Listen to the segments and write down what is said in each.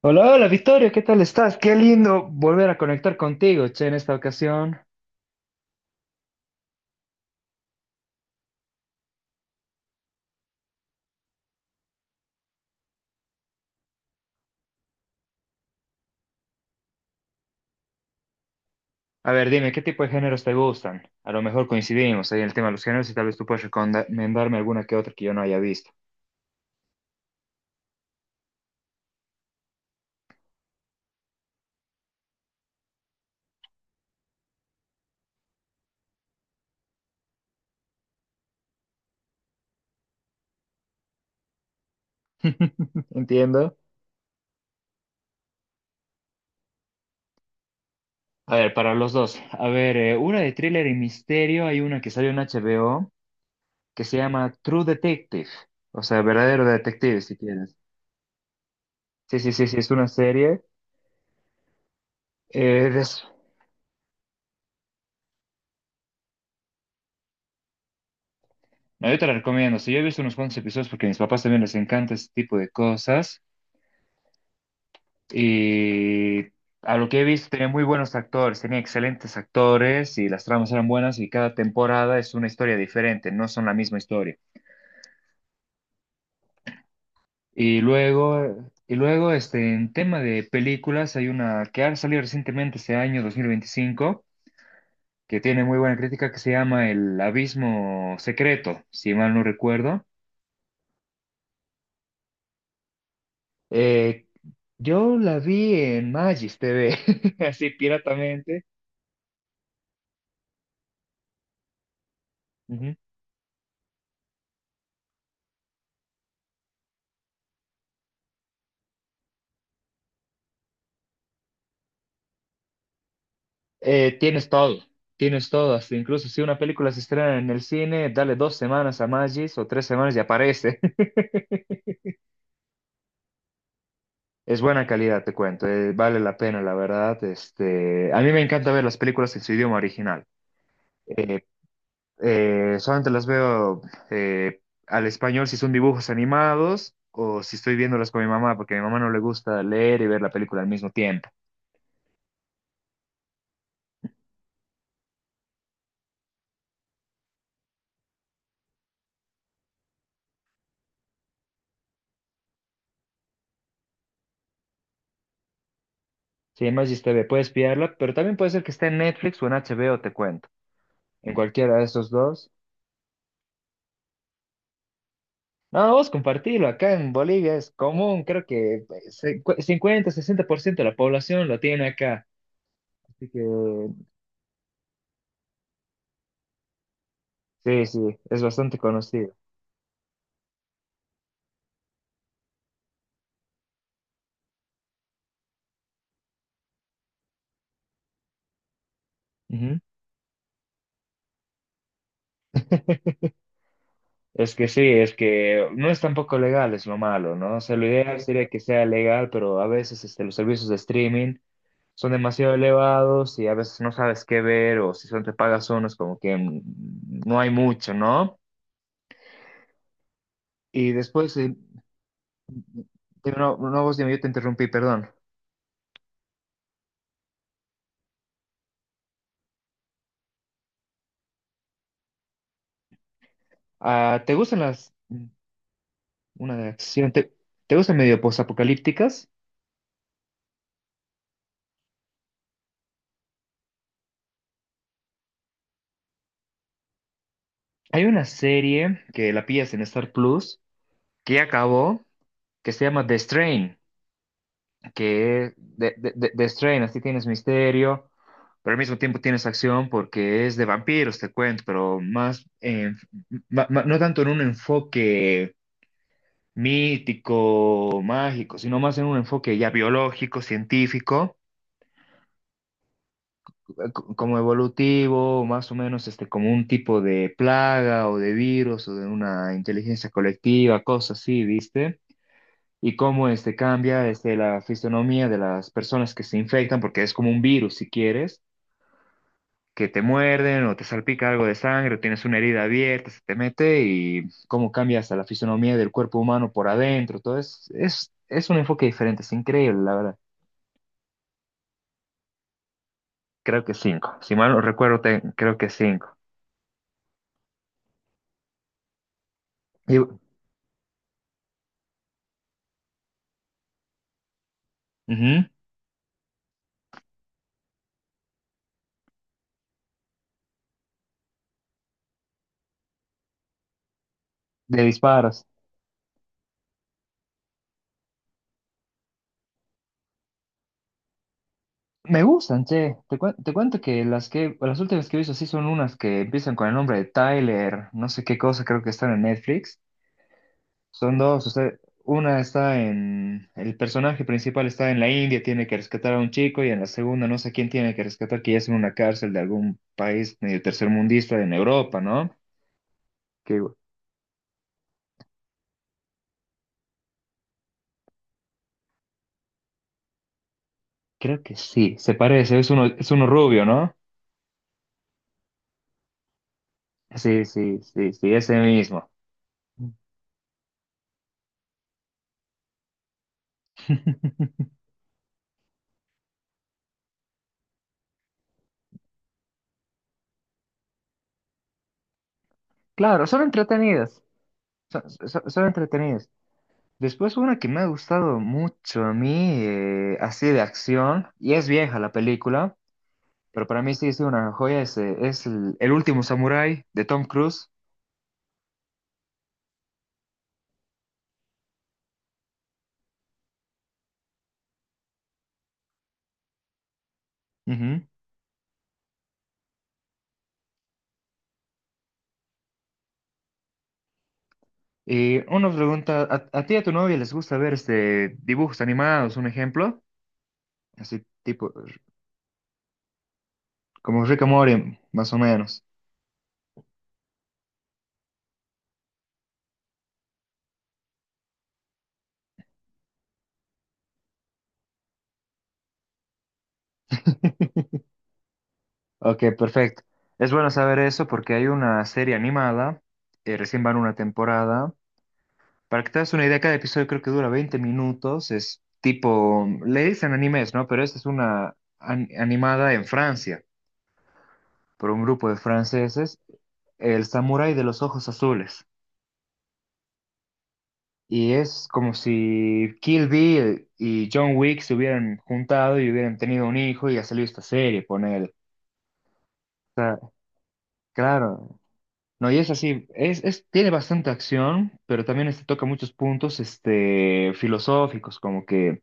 Hola, hola Victoria, ¿qué tal estás? Qué lindo volver a conectar contigo, che, en esta ocasión. A ver, dime, ¿qué tipo de géneros te gustan? A lo mejor coincidimos ahí en el tema de los géneros y tal vez tú puedes recomendarme alguna que otra que yo no haya visto. Entiendo. A ver, para los dos. A ver, una de thriller y misterio, hay una que salió en HBO que se llama True Detective, o sea, verdadero detective si quieres. Sí, sí, sí, sí, es una serie. Eh, des- No, yo te la recomiendo. Sí, yo he visto unos cuantos episodios porque a mis papás también les encanta este tipo de cosas. Y a lo que he visto, tenía muy buenos actores, tenía excelentes actores y las tramas eran buenas y cada temporada es una historia diferente, no son la misma historia. Y luego este, en tema de películas, hay una que ha salido recientemente este año, 2025, que tiene muy buena crítica, que se llama El Abismo Secreto, si mal no recuerdo. Eh, yo la vi en Magis TV, así piratamente. Eh, tienes todo, tienes todo, hasta incluso si una película se estrena en el cine, dale dos semanas a Magis o tres semanas y aparece. Es buena calidad, te cuento, vale la pena, la verdad. Este, a mí me encanta ver las películas en su idioma original. Eh, solamente las veo eh, al español si son dibujos animados o si estoy viéndolas con mi mamá, porque a mi mamá no le gusta leer y ver la película al mismo tiempo. Sí, Magis TV, puedes pillarla, pero también puede ser que esté en Netflix o en HBO, te cuento. En cualquiera de esos dos. No, no, vos compartilo, acá en Bolivia es común, creo que 50, 60% de la población lo tiene acá. Así que sí, sí, es bastante conocido. Ujú. Es que sí, es que no es tampoco legal, es lo malo, ¿no? O sea, lo ideal sería que sea legal, pero a veces este, los servicios de streaming son demasiado elevados y a veces no sabes qué ver o si son te pagas uno es como que no hay mucho, ¿no? Y después, no, no, vos dime, yo te interrumpí, perdón. Ah, ¿te gustan las? Una de acción. Te gustan medio postapocalípticas? Hay una serie que la pillas en Star Plus que ya acabó, que se llama The Strain, que de- The Strain, así tienes misterio, pero al mismo tiempo tienes acción porque es de vampiros, te cuento, pero más, no tanto en un enfoque mítico, mágico, sino más en un enfoque ya biológico, científico. Como evolutivo, más o menos este, como un tipo de plaga o de virus o de una inteligencia colectiva, cosas así, ¿viste? Y cómo este, cambia este, la fisonomía de las personas que se infectan, porque es como un virus, si quieres, que te muerden o te salpica algo de sangre o tienes una herida abierta, se te mete y cómo cambia hasta la fisonomía del cuerpo humano por adentro. Todo es un enfoque diferente, es increíble, la verdad. Creo que cinco. Si mal no recuerdo, creo que cinco. Y, ujú. De disparos. Me gustan, che. Te cuento que las últimas que he visto sí son unas que empiezan con el nombre de Tyler, no sé qué cosa, creo que están en Netflix. Son dos, o sea, una está en, el personaje principal está en la India, tiene que rescatar a un chico, y en la segunda no sé quién tiene que rescatar, que ya es en una cárcel de algún país medio tercermundista en Europa, ¿no? Que creo que sí, se parece, es uno rubio, ¿no? Sí, sí, sí, sí, ese mismo. Claro, son entretenidas. Son entretenidas. Después una que me ha gustado mucho a mí, así de acción, y es vieja la película, pero para mí sí es una joya, El último samurái de Tom Cruise. Ujú. Y una pregunta, a ti y a tu novia les gusta ver este, dibujos animados, un ejemplo? Así tipo, como Rick and Morty, más o menos. Ok, perfecto. Es bueno saber eso porque hay una serie animada, recién van una temporada. Para que te das una idea, cada episodio creo que dura 20 minutos. Es tipo, le dicen animes, ¿no? Pero esta es una animada en Francia, por un grupo de franceses, El Samurái de los Ojos Azules. Y es como si Kill Bill y John Wick se hubieran juntado y hubieran tenido un hijo y ha salido esta serie, ponele. O sea, claro. No, y es así, tiene bastante acción, pero también este toca muchos puntos este, filosóficos, como que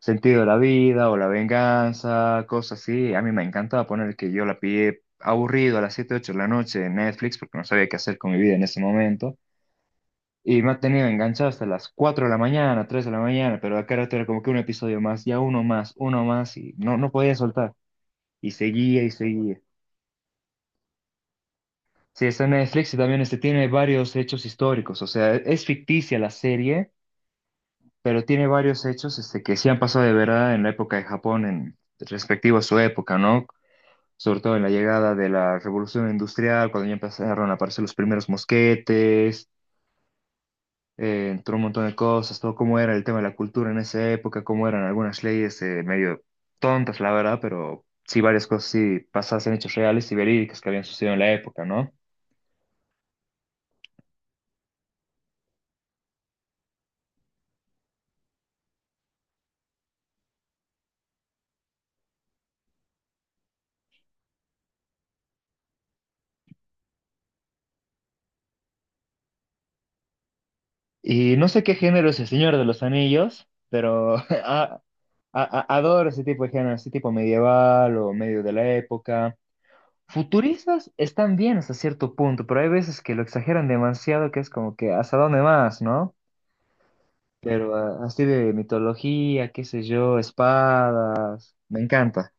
sentido de la vida o la venganza, cosas así. A mí me encantaba poner que yo la pillé aburrido a las 7 8 de la noche en Netflix porque no sabía qué hacer con mi vida en ese momento. Y me ha tenido enganchado hasta las 4 de la mañana, 3 de la mañana, pero acá rato era como que un episodio más, ya uno más, y no, no podía soltar. Y seguía y seguía. Sí, está en Netflix y también este tiene varios hechos históricos, o sea, es ficticia la serie, pero tiene varios hechos este, que sí han pasado de verdad en la época de Japón, en respectivo a su época, ¿no? Sobre todo en la llegada de la revolución industrial, cuando ya empezaron a aparecer los primeros mosquetes, entró un montón de cosas, todo cómo era el tema de la cultura en esa época, cómo eran algunas leyes medio tontas, la verdad, pero sí varias cosas sí pasadas en hechos reales y verídicas que habían sucedido en la época, ¿no? Y no sé qué género es el Señor de los Anillos, pero adoro ese tipo de género, ese tipo medieval o medio de la época. Futuristas están bien hasta cierto punto, pero hay veces que lo exageran demasiado, que es como que hasta dónde más, ¿no? Pero ah, así de mitología, qué sé yo, espadas, me encanta.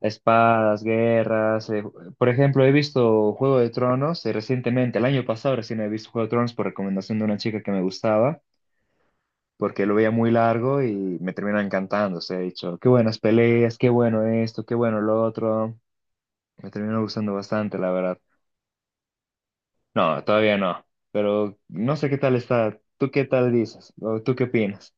Espadas, guerras. Por ejemplo, he visto Juego de Tronos recientemente, el año pasado recién he visto Juego de Tronos por recomendación de una chica que me gustaba, porque lo veía muy largo y me terminó encantando. Se ha dicho, qué buenas peleas, qué bueno esto, qué bueno lo otro. Me terminó gustando bastante, la verdad. No, todavía no. Pero no sé qué tal está. ¿Tú qué tal dices? ¿O tú qué opinas?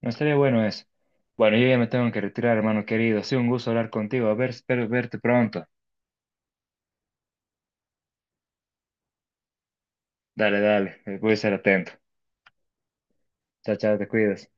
No estaría bueno eso. Bueno, yo ya me tengo que retirar, hermano querido. Ha sido un gusto hablar contigo. A ver, espero verte pronto. Dale, dale. Voy a ser atento. Chao, chao, te cuidas.